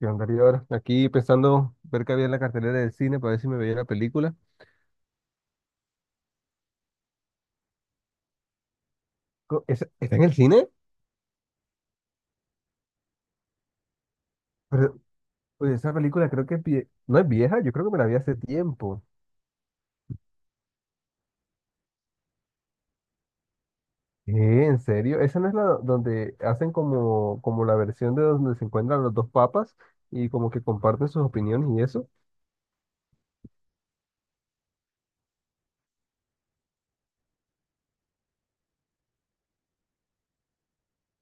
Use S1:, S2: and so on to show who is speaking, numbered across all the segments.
S1: Yo andaría ahora aquí pensando ver qué había en la cartelera del cine para ver si me veía la película. ¿Está en el cine? Pero oye, esa película creo que no es vieja, yo creo que me la vi hace tiempo. ¿Qué? ¿En serio? ¿Esa no es la donde hacen como la versión de donde se encuentran los dos papas y como que comparten sus opiniones y eso?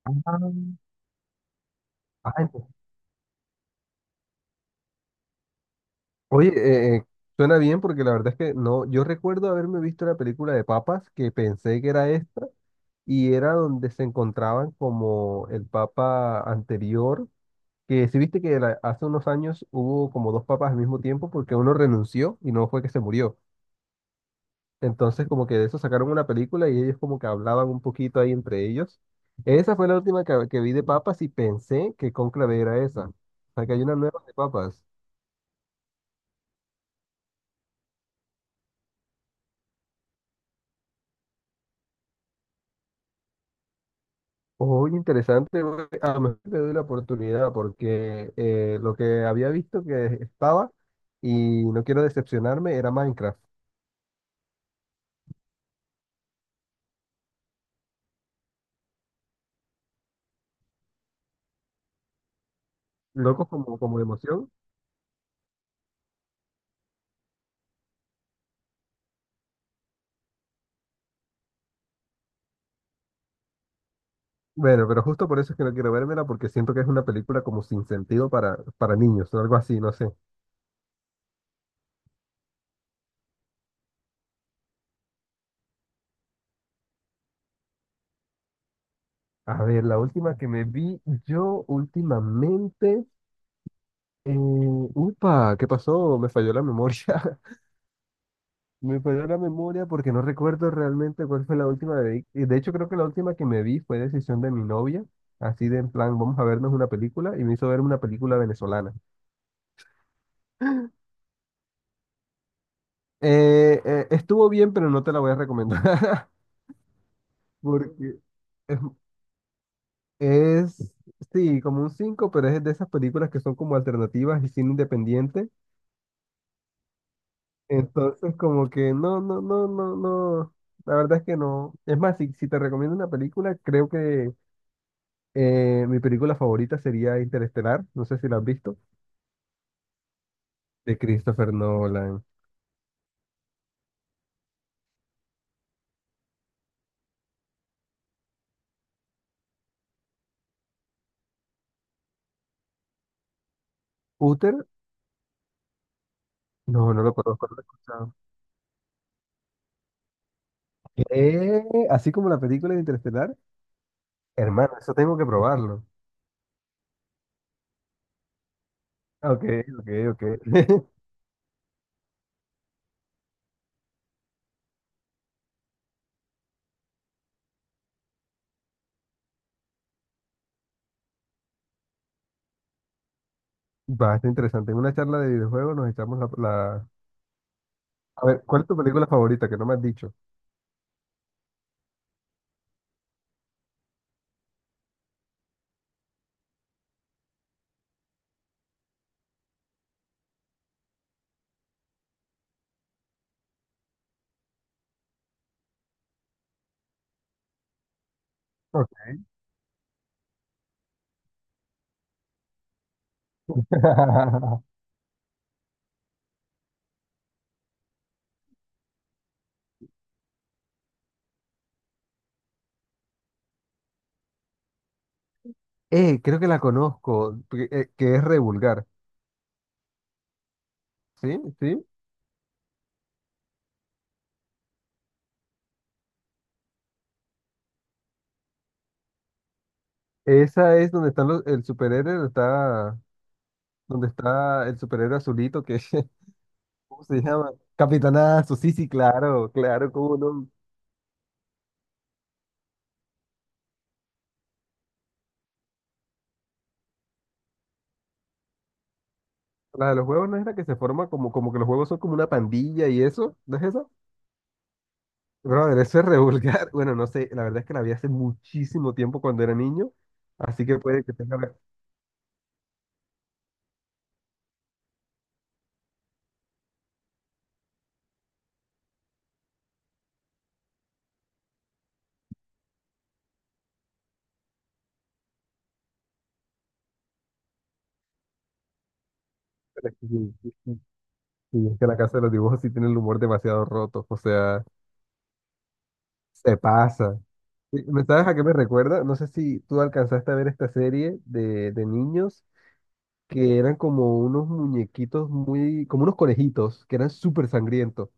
S1: Ah, Ah, ent- oye, suena bien porque la verdad es que no, yo recuerdo haberme visto la película de papas que pensé que era esta. Y era donde se encontraban como el papa anterior, que si viste que hace unos años hubo como dos papas al mismo tiempo porque uno renunció y no fue que se murió. Entonces como que de eso sacaron una película y ellos como que hablaban un poquito ahí entre ellos. Esa fue la última que vi de papas y pensé que Cónclave era esa. O sea que hay una nueva de papas. Oye, interesante, güey. A lo mejor le doy la oportunidad porque lo que había visto que estaba y no quiero decepcionarme era Minecraft. Locos como de emoción. Bueno, pero justo por eso es que no quiero vérmela, porque siento que es una película como sin sentido para, niños o algo así, no sé. A ver, la última que me vi yo últimamente. Upa, ¿qué pasó? Me falló la memoria. Me falló la memoria porque no recuerdo realmente cuál fue la última. Y de hecho, creo que la última que me vi fue decisión de mi novia. Así de en plan, vamos a vernos una película. Y me hizo ver una película venezolana. Estuvo bien, pero no te la voy a recomendar. Porque. es, Es, sí, como un 5 pero es de esas películas que son como alternativas y cine independiente. Entonces, como que no, no, no, no, no. La verdad es que no. Es más, si te recomiendo una película, creo que mi película favorita sería Interestelar. No sé si la has visto. De Christopher Nolan. Uther, no, no lo conozco, no lo he escuchado. Eh, Así como la película de Interestelar, hermano, eso tengo que probarlo. Ok, ok, ok. Bastante interesante. En una charla de videojuegos nos echamos la. A ver, ¿cuál es tu película favorita que no me has dicho? Ok. Creo que la conozco, porque, que es re vulgar. ¿Sí? ¿Sí? Esa es donde están el superhéroe, donde está el superhéroe azulito que, ¿cómo se llama? Capitanazo, sí, sí, claro, claro, cómo no. La de los juegos no es la que se forma como que los juegos son como una pandilla y eso, ¿no es esa? Brother, eso es re vulgar. Bueno, no sé, la verdad es que la vi hace muchísimo tiempo cuando era niño, así que puede que tenga. Y es que la Casa de los Dibujos sí tiene el humor demasiado roto, o sea, se pasa. Y, ¿me sabes a qué me recuerda? No sé si tú alcanzaste a ver esta serie de niños que eran como unos muñequitos muy, como unos conejitos, que eran súper sangrientos.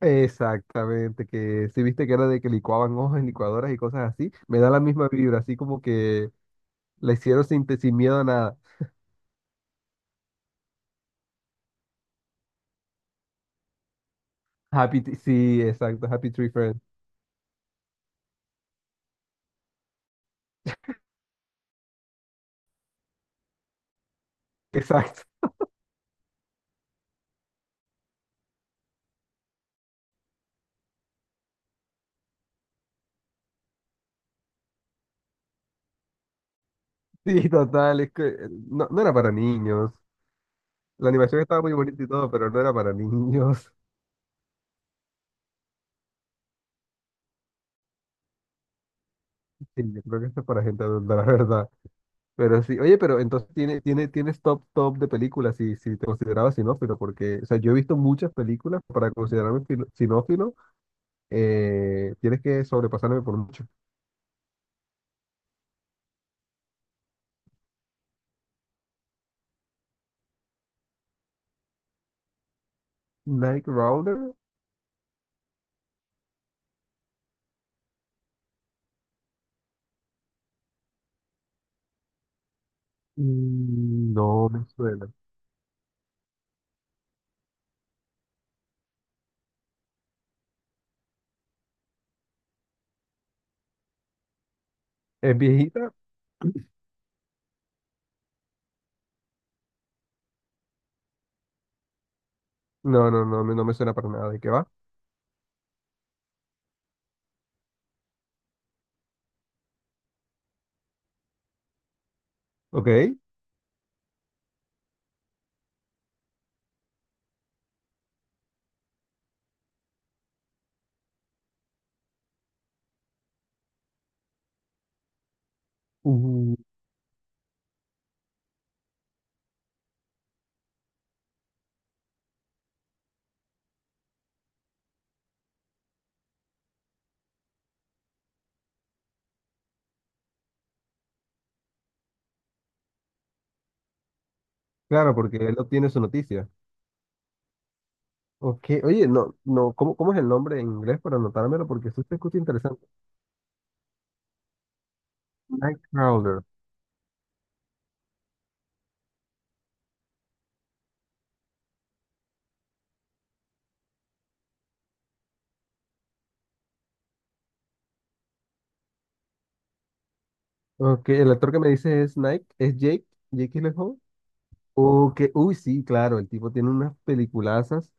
S1: Exactamente, que si viste que era de que licuaban hojas en licuadoras y cosas así, me da la misma vibra, así como que la hicieron sin, sin miedo a nada. Sí, exacto, Happy Tree Friends. Exacto. Sí, total, es que no, no era para niños. La animación estaba muy bonita y todo, pero no era para niños. Sí, yo creo que esto es para gente adulta, la verdad. Pero sí, oye, pero entonces tienes top, top de películas si te considerabas sinófilo, porque, o sea, yo he visto muchas películas para considerarme sinófilo, tienes que sobrepasarme por mucho. Nightcrawler, no me suena. ¿Es viejita? No, no, no, no me suena para nada. ¿De qué va? Ok. Uh, claro, porque él obtiene su noticia. Ok, oye, no, no, ¿cómo es el nombre en inglés para anotármelo? Porque eso se escucha interesante. Nightcrawler. Ok, el actor que me dice es Jake Gyllenhaal. Ok, uy, sí, claro, el tipo tiene unas peliculazas.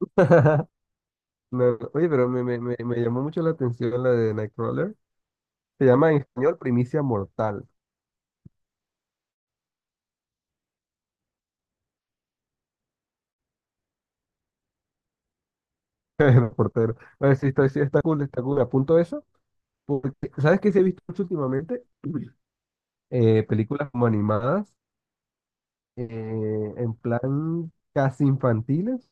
S1: No, no, oye, pero me llamó mucho la atención la de Nightcrawler. Se llama en español Primicia Mortal. El portero. Oye, sí, está cool, está cool. Apunto eso. Porque, ¿sabes qué se he visto mucho últimamente? Películas como animadas, en plan casi infantiles.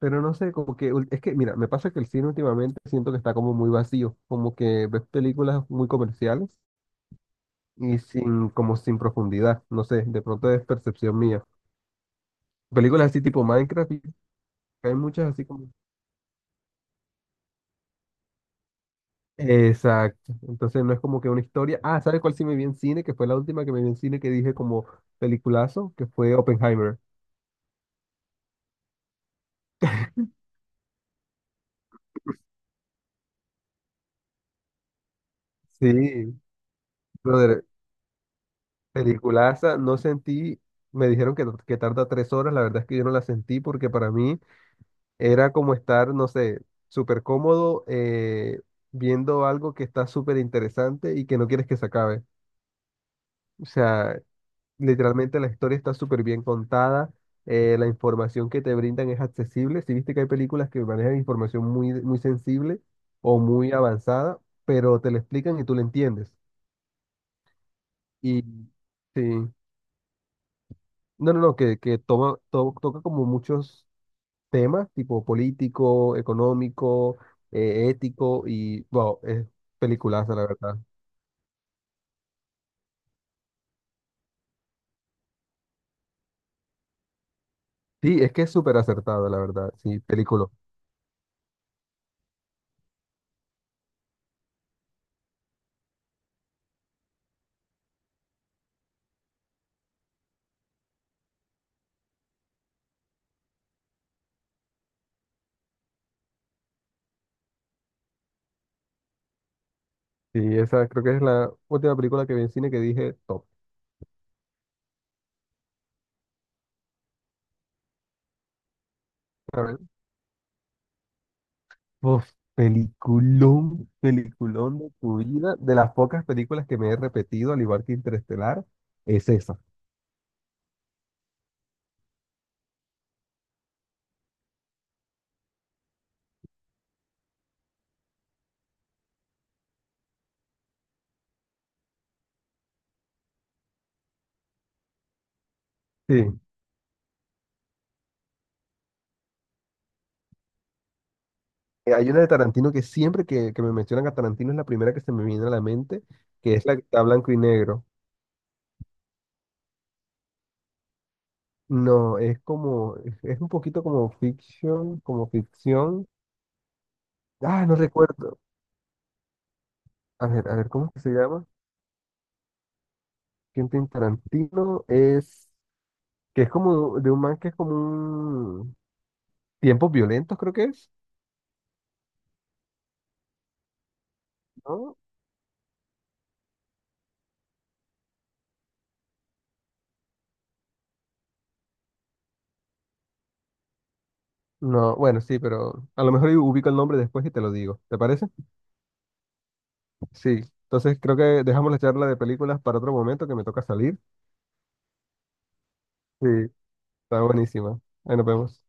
S1: Pero no sé, como que es que, mira, me pasa que el cine últimamente siento que está como muy vacío, como que ves películas muy comerciales y sin, como sin profundidad, no sé, de pronto es percepción mía. Películas así tipo Minecraft, y hay muchas así como. Exacto, entonces no es como que una historia. Ah, ¿sabes cuál sí me vi en cine? Que fue la última que me vi en cine que dije como peliculazo, que fue Oppenheimer. Sí, brother, peliculaza, no sentí, me dijeron que tarda 3 horas, la verdad es que yo no la sentí porque para mí. Era como estar, no sé, súper cómodo viendo algo que está súper interesante y que no quieres que se acabe. O sea, literalmente la historia está súper bien contada, la información que te brindan es accesible. Si viste que hay películas que manejan información muy, muy sensible o muy avanzada, pero te la explican y tú la entiendes. Y sí, no, no, no, que toca como muchos temas tipo político, económico, ético y, wow, es peliculaza, la verdad. Sí, es que es súper acertado, la verdad. Sí, película. Sí, esa creo que es la última película que vi en cine que dije top. A ver. Uf, peliculón, peliculón de tu vida. De las pocas películas que me he repetido, al igual que Interestelar, es esa. Sí. Hay una de Tarantino que siempre que me mencionan a Tarantino es la primera que se me viene a la mente, que es la que está blanco y negro. No, es como, es un poquito como fiction, como ficción. Ah, no recuerdo. A ver, ¿cómo es que se llama? Quentin Tarantino es, que es como de un man que es como un tiempos violentos, creo que es, ¿no? No, bueno, sí, pero a lo mejor yo ubico el nombre después y te lo digo. ¿Te parece? Sí. Entonces creo que dejamos la charla de películas para otro momento que me toca salir. Sí, está buenísima. Ahí nos vemos.